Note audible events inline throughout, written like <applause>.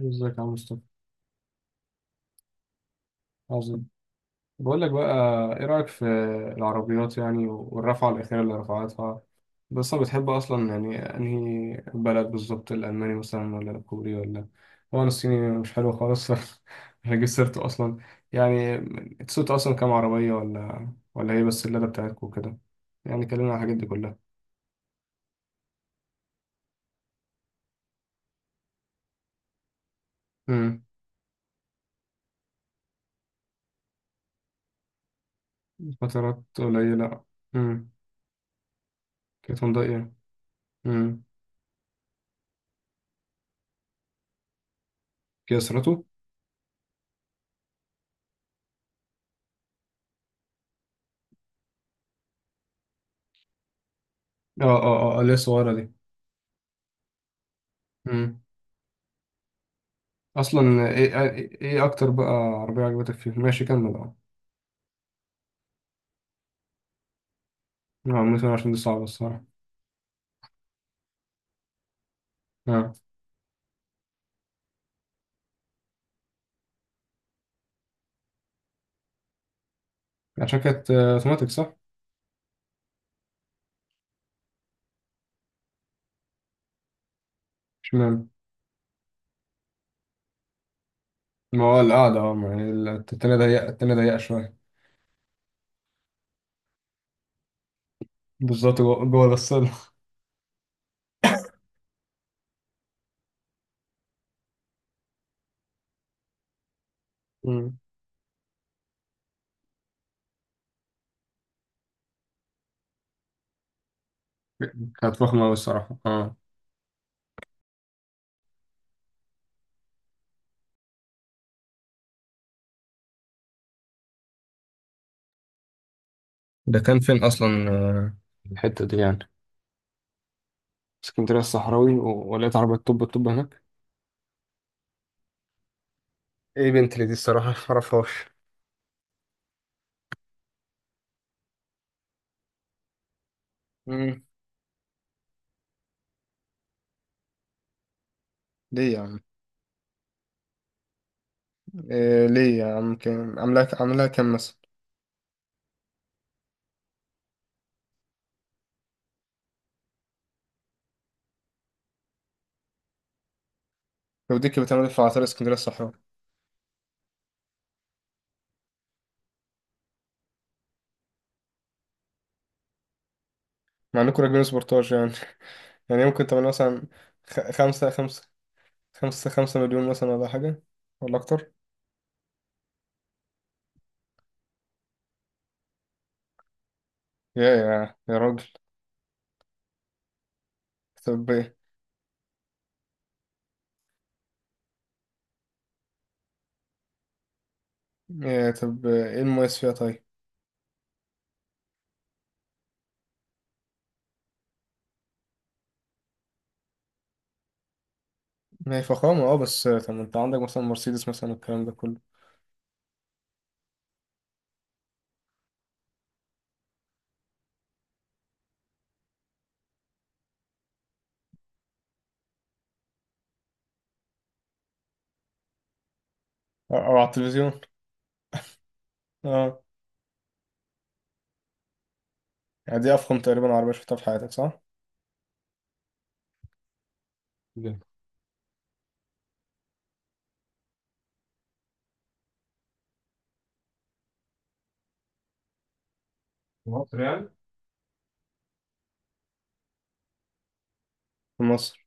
ازيك يا مصطفى؟ عظيم. بقول لك بقى، ايه رأيك في العربيات، يعني والرفعة الأخيرة اللي رفعتها؟ بس انا بتحب اصلا، يعني انهي بلد بالظبط؟ الألماني مثلا ولا الكوري ولا؟ هو أنا الصيني مش حلو خالص <laughs> مش هجيب سيرته اصلا يعني. سوقت اصلا كام عربية؟ ولا ولا هي بس اللادة بتاعتكم وكده؟ يعني كلمنا عن الحاجات دي كلها. امم. فترات قليلة. امم. كانت هنداي. امم. كيا سيرته؟ اه اه اه، اللي هي الصغيرة دي. اصلا ايه ايه إيه اكتر بقى عربيه عجبتك فيه؟ ماشي، كمل اه. اه مثلا، عشان دي صعبه الصراحه. اه، عشان كانت اوتوماتيك، صح؟ اشمعنى؟ ما هو القعده ما هي التانية ضيقه، التانية ضيقه شويه. بالظبط، جوه جوه الغسالة. <laughs> مم. كانت فخمة أوي الصراحة، اه. ده كان فين أصلا الحتة دي يعني؟ اسكندرية الصحراوي ولقيت عربية؟ طب الطب هناك؟ ايه بنتلي دي؟ الصراحة معرفهاش. مم. ليه يا عم؟ إيه ليه يا عم؟ كام عاملاها؟ عاملاها كام مثلا؟ لو دي كانت بتعمل في عطار اسكندريه الصحراء؟ مع انكم راكبين سبورتاج يعني. <laughs> يعني ممكن تمن مثلا خمسة، خمسة مليون مثلا ولا حاجة؟ ولا أكتر؟ يا راجل. طب إيه؟ يا طب إيه المميز فيها طيب؟ ما هي فخامة، أه، بس طب ما أنت عندك مثلا مرسيدس مثلا، الكلام ده كله. أو على التلفزيون. أه. يعني دي أفخم تقريبا عربية شفتها في حياتك، صح؟ في مصر يعني؟ في مصر.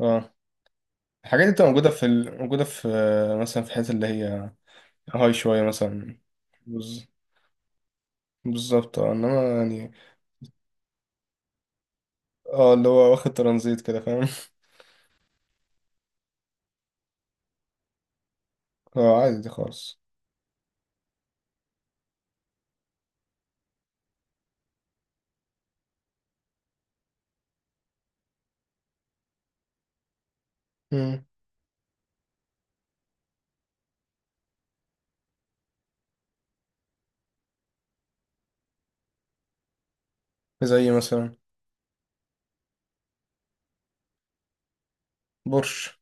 أه. الحاجات دي بتبقى موجودة موجودة في، مثلا في الحتت اللي هي هاي شوية مثلا؟ بز... بالظبط، أه، إنما يعني. اه، اللي هو واخد ترانزيت كده، فاهم؟ <laughs> اه، عادي دي خالص. مم. زي مثلا بورش؟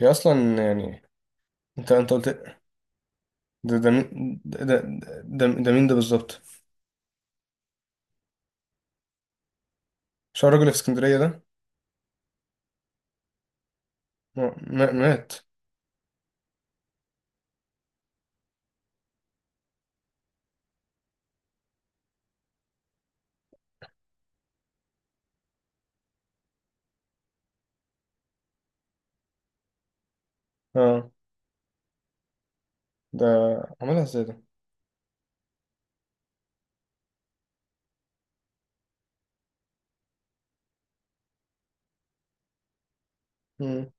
هي اصلا يعني. انت قلت. ده ده مين- ده ده, ده مين ده بالظبط؟ مش هو الراجل اللي في اسكندرية ده؟ مات. اه. ده عملها ازاي ده؟ مم.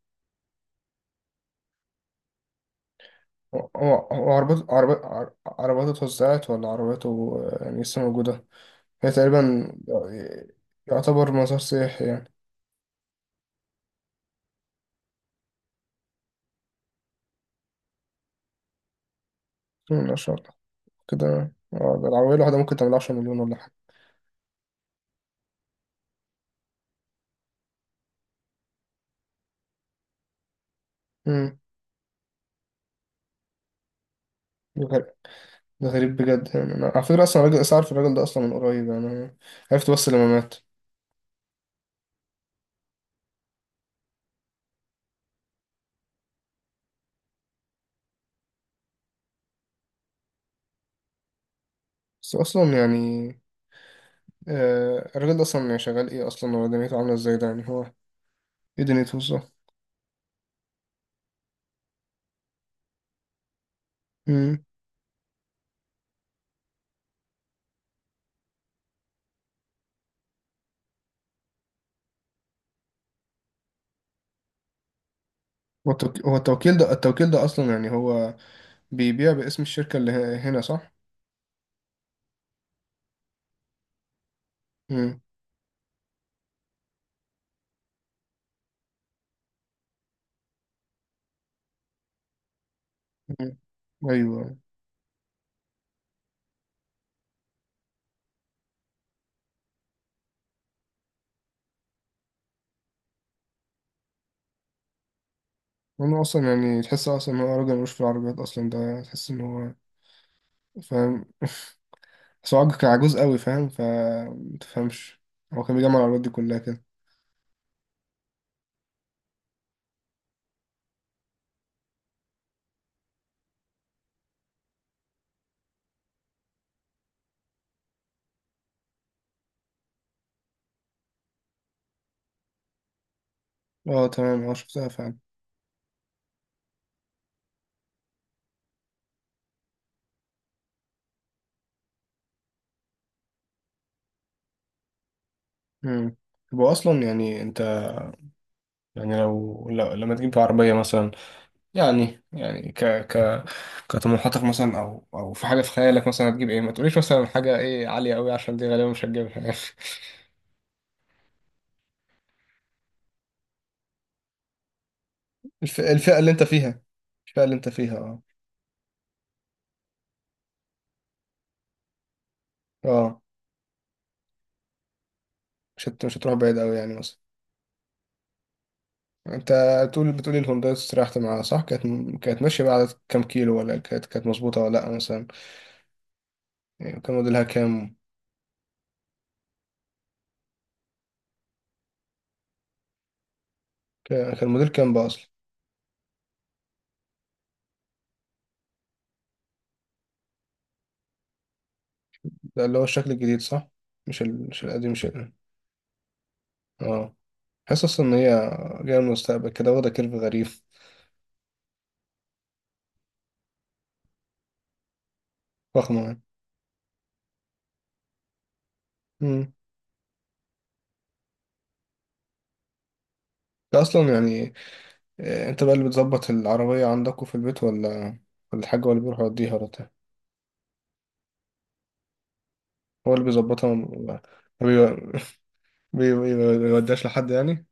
هو عربيته اتوزعت ولا عربيته يعني لسه موجودة؟ هي تقريبا يعتبر مزار سياحي يعني؟ مم، ما شاء الله. كده اه، ده العربية الواحدة ممكن تعمل 10 مليون ولا حاجة؟ مم. ده غريب بجد، يعني انا على فكره، اصلا راجل اعرف الراجل ده اصلا من قريب يعني. أنا عرفت بس لما مات. بس اصلا يعني، آه الراجل ده اصلا يعني شغال ايه اصلا؟ هو دنيته عامله ازاي ده، يعني هو ايه دنيته بالظبط؟ امم. هو التوكيل ده اصلا، يعني هو بيبيع باسم الشركه اللي هنا، صح؟ امم. أمم. ايوه. هو اصلا يعني تحس اصلا ان هو راجل ملوش في العربيات اصلا ده؟ تحس ان هو فاهم؟ <laughs> بس هو كان عجوز قوي فاهم، فمتفهمش. هو كان بيجمع العربيات دي كلها كده؟ اه تمام، اه شفتها فعلا. امم. هو اصلا يعني انت، يعني لما تجيب عربيه مثلا، يعني ك ك كطموحاتك مثلا، او في حاجه في خيالك، مثلا هتجيب ايه؟ ما تقوليش مثلا حاجه ايه عاليه قوي عشان دي غالبا مش هتجيبها يعني. <laughs> الفئه اللي انت فيها، الفئه اللي انت فيها، اه. اه، مش هتروح بعيد قوي يعني مثلا؟ انت تقول بتقولي الهونداي استريحت معاها، صح؟ كانت كانت ماشيه بعد كام كيلو؟ ولا كانت مظبوطه ولا لا مثلا؟ يعني كان موديلها كام؟ كان موديل كام بقى اصلا؟ ده اللي هو الشكل الجديد، صح؟ مش القديم، مش ال... اه. حاسس اصلا ان هي جايه من المستقبل كده، واخده كيرف غريب. فخمه يعني؟ امم. ده اصلا يعني انت بقى اللي بتظبط العربيه عندكم في البيت، ولا ولا الحاج هو اللي بيروح يوديها ولا بتاع؟ هو اللي بيظبطها ما بي- <laughs> ما بيوديهاش لحد يعني؟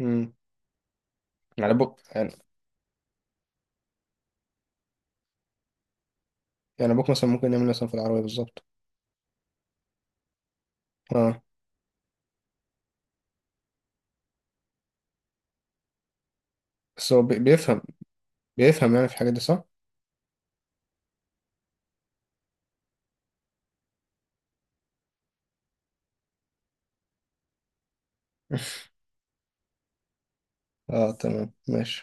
امم. يعني ابوك يعني؟ يعني ابوك مثلا ممكن يعمل مثلا في العربيه بالظبط؟ اه. بس هو بيفهم، بيفهم يعني في الحاجات دي، صح؟ <laughs> اه تمام، ماشي.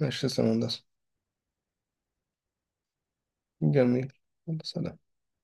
ماشي، تسلم يا هندسه. جميل. يلا، سلام.